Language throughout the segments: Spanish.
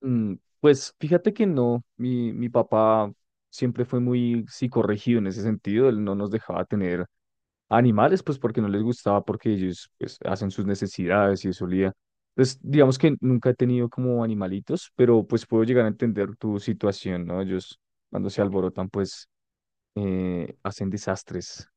Mm. Pues fíjate que no, mi papá siempre fue muy psicorregido en ese sentido, él no nos dejaba tener animales, pues porque no les gustaba, porque ellos pues hacen sus necesidades y eso olía. Entonces, digamos que nunca he tenido como animalitos, pero pues puedo llegar a entender tu situación, ¿no? Ellos cuando se alborotan pues hacen desastres,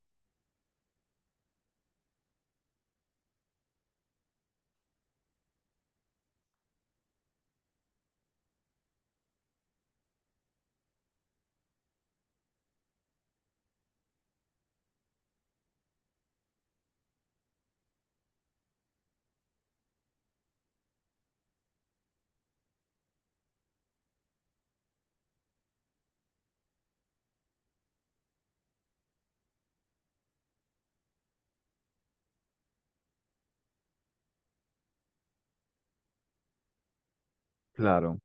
claro.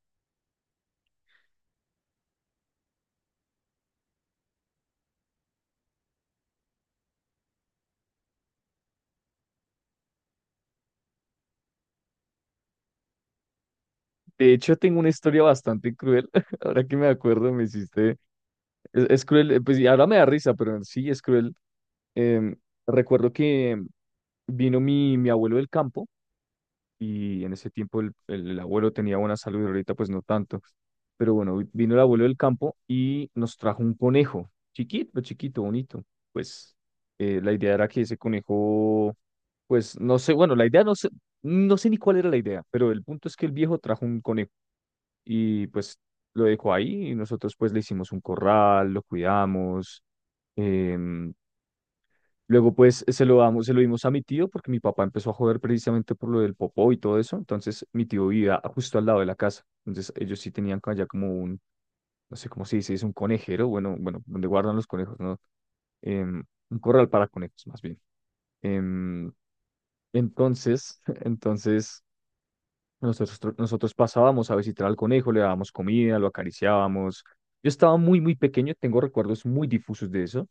De hecho, tengo una historia bastante cruel, ahora que me acuerdo, me hiciste. Es cruel, pues y ahora me da risa, pero sí es cruel. Em, Recuerdo que vino mi abuelo del campo, y en ese tiempo el abuelo tenía buena salud y ahorita pues no tanto. Pero bueno, vino el abuelo del campo y nos trajo un conejo, chiquito, chiquito, bonito. Pues la idea era que ese conejo, pues no sé, bueno, la idea no sé, no sé ni cuál era la idea, pero el punto es que el viejo trajo un conejo y pues lo dejó ahí y nosotros pues le hicimos un corral, lo cuidamos. em, Luego, pues, se lo dimos a mi tío porque mi papá empezó a joder precisamente por lo del popó y todo eso. Entonces, mi tío vivía justo al lado de la casa. Entonces, ellos sí tenían allá como un, no sé cómo se dice, es un conejero, bueno, donde guardan los conejos, ¿no? Em, un corral para conejos, más bien. Em, entonces, nosotros pasábamos a visitar al conejo, le dábamos comida, lo acariciábamos. Yo estaba muy, muy pequeño, tengo recuerdos muy difusos de eso,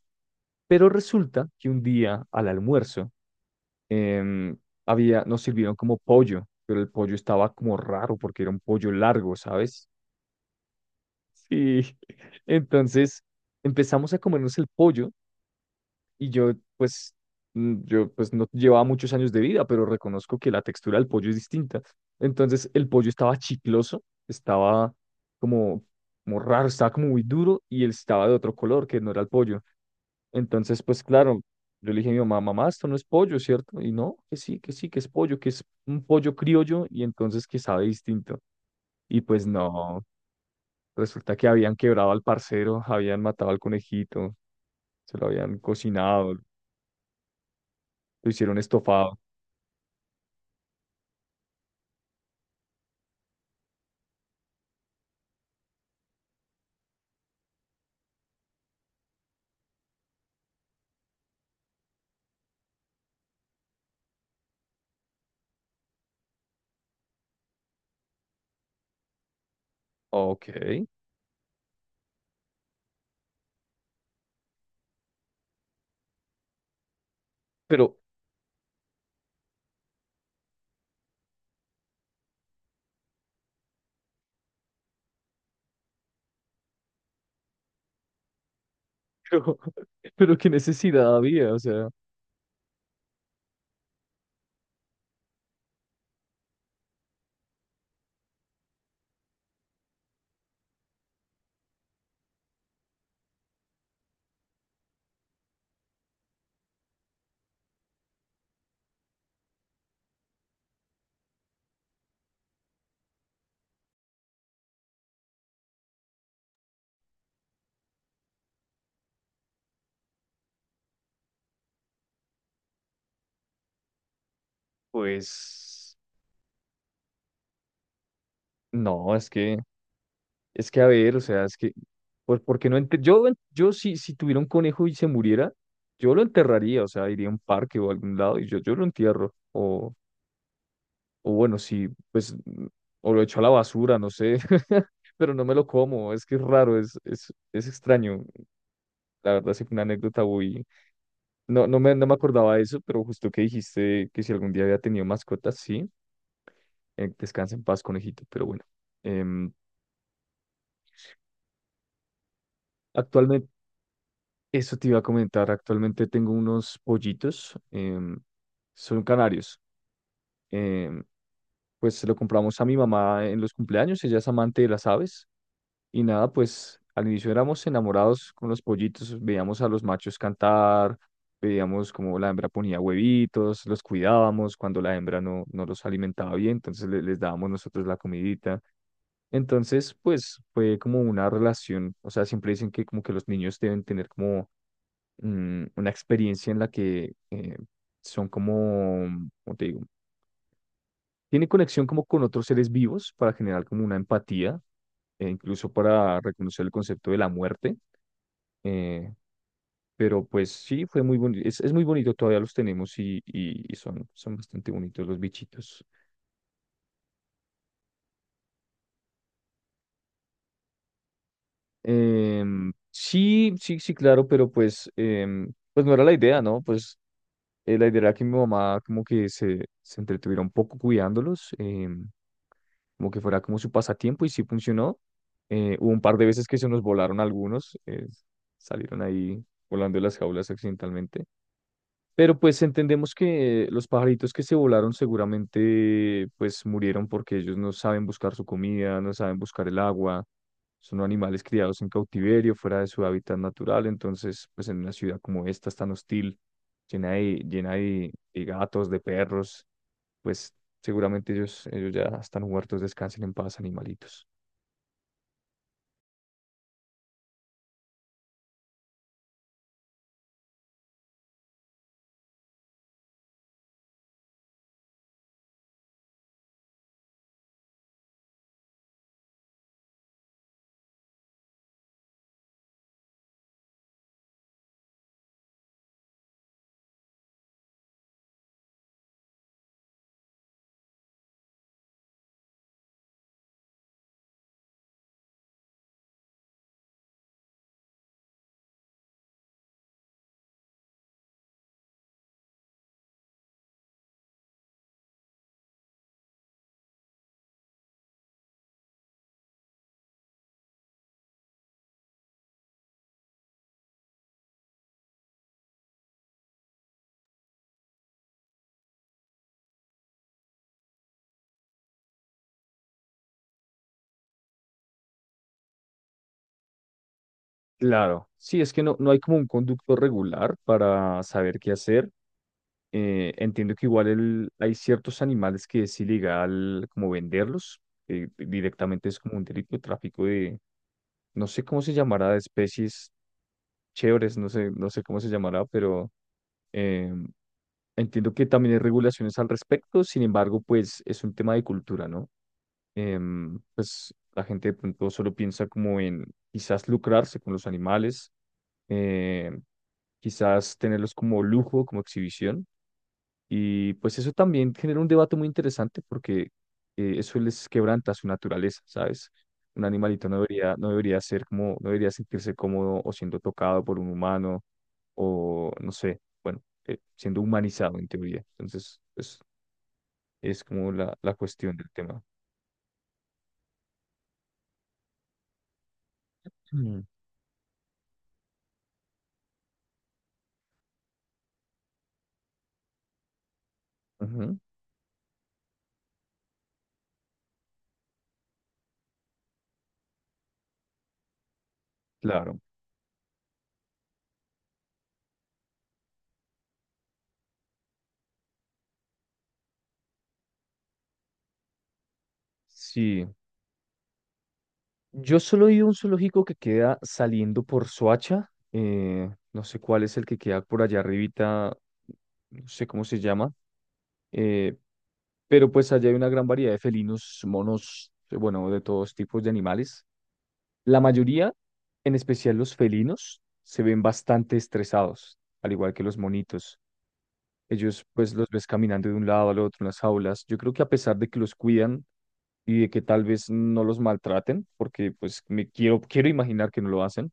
pero resulta que un día al almuerzo, em, nos sirvieron como pollo, pero el pollo estaba como raro porque era un pollo largo, ¿sabes? Sí. Entonces empezamos a comernos el pollo y yo pues, yo pues no llevaba muchos años de vida, pero reconozco que la textura del pollo es distinta. Entonces el pollo estaba chicloso, estaba como, como raro, estaba como muy duro y él estaba de otro color que no era el pollo. Entonces, pues claro, yo le dije a mi mamá, mamá, esto no es pollo, ¿cierto? Y no, que sí, que sí, que es pollo, que es un pollo criollo y entonces que sabe distinto. Y pues no, resulta que habían quebrado al parcero, habían matado al conejito, se lo habían cocinado, lo hicieron estofado. Ok, pero, pero, pero qué necesidad había, o sea, pues no, es que. Es que a ver, o sea, pues, porque no yo, yo si tuviera un conejo y se muriera, yo lo enterraría, o sea, iría a un parque o a algún lado y yo lo entierro. O bueno, si, pues, o lo echo a la basura, no sé, pero no me lo como, es que es raro, es extraño. La verdad, sí fue una anécdota muy. No me acordaba de eso, pero justo que dijiste que si algún día había tenido mascotas, sí, descansa en paz, conejito, pero bueno. Em, Eso te iba a comentar. Actualmente tengo unos pollitos. Son canarios. em, pues se lo compramos a mi mamá en los cumpleaños. Ella es amante de las aves. Y nada, pues al inicio éramos enamorados con los pollitos. Veíamos a los machos cantar. Veíamos cómo la hembra ponía huevitos. Los cuidábamos cuando la hembra no los alimentaba bien. Entonces les dábamos nosotros la comidita. Entonces, pues fue como una relación. O sea, siempre dicen que como que los niños deben tener como una experiencia en la que son como, ¿cómo te digo? Tiene conexión como con otros seres vivos para generar como una empatía, e incluso para reconocer el concepto de la muerte. eh, pero pues sí, fue muy bonito. Es muy bonito, todavía los tenemos y son, son bastante bonitos los bichitos. Sí, sí, sí, claro, pero pues, pues no era la idea, ¿no? Pues la idea era que mi mamá como que se entretuviera un poco cuidándolos. Como que fuera como su pasatiempo y sí funcionó. Hubo un par de veces que se nos volaron algunos, salieron ahí volando de las jaulas accidentalmente. Pero pues entendemos que los pajaritos que se volaron seguramente pues murieron porque ellos no saben buscar su comida, no saben buscar el agua, son animales criados en cautiverio, fuera de su hábitat natural, entonces pues en una ciudad como esta tan hostil, llena de gatos, de perros, pues seguramente ellos ya están muertos, descansen en paz, animalitos. Claro, sí, es que no, no hay como un conducto regular para saber qué hacer. Entiendo que igual hay ciertos animales que es ilegal como venderlos, directamente es como un delito de tráfico de, no sé cómo se llamará, de especies chéveres, no sé, no sé cómo se llamará, pero eh, entiendo que también hay regulaciones al respecto, sin embargo, pues es un tema de cultura, ¿no? Pues la gente de pronto solo piensa como en quizás lucrarse con los animales, eh, quizás tenerlos como lujo, como exhibición. Y pues eso también genera un debate muy interesante porque eso les quebranta su naturaleza, ¿sabes? Un animalito no debería, no debería ser como, no debería sentirse cómodo o siendo tocado por un humano o no sé, bueno, siendo humanizado en teoría. Entonces, pues es como la cuestión del tema. Mm. Ujú. Claro. Sí, yo solo he ido a un zoológico que queda saliendo por Soacha, no sé cuál es el que queda por allá arribita, no sé cómo se llama, eh, pero pues allá hay una gran variedad de felinos, monos, bueno, de todos tipos de animales. La mayoría, en especial los felinos, se ven bastante estresados, al igual que los monitos. Ellos pues los ves caminando de un lado al otro en las jaulas. Yo creo que a pesar de que los cuidan, y de que tal vez no los maltraten, porque pues me quiero imaginar que no lo hacen.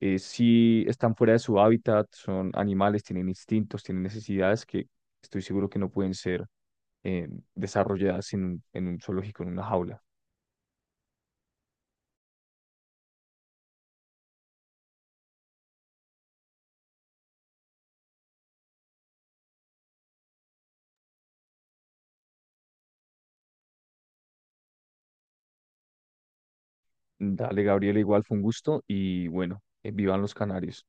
Si están fuera de su hábitat, son animales, tienen instintos, tienen necesidades que estoy seguro que no pueden ser eh, desarrolladas en, en un zoológico, en una jaula. Dale, Gabriela, igual fue un gusto y bueno, vivan los canarios.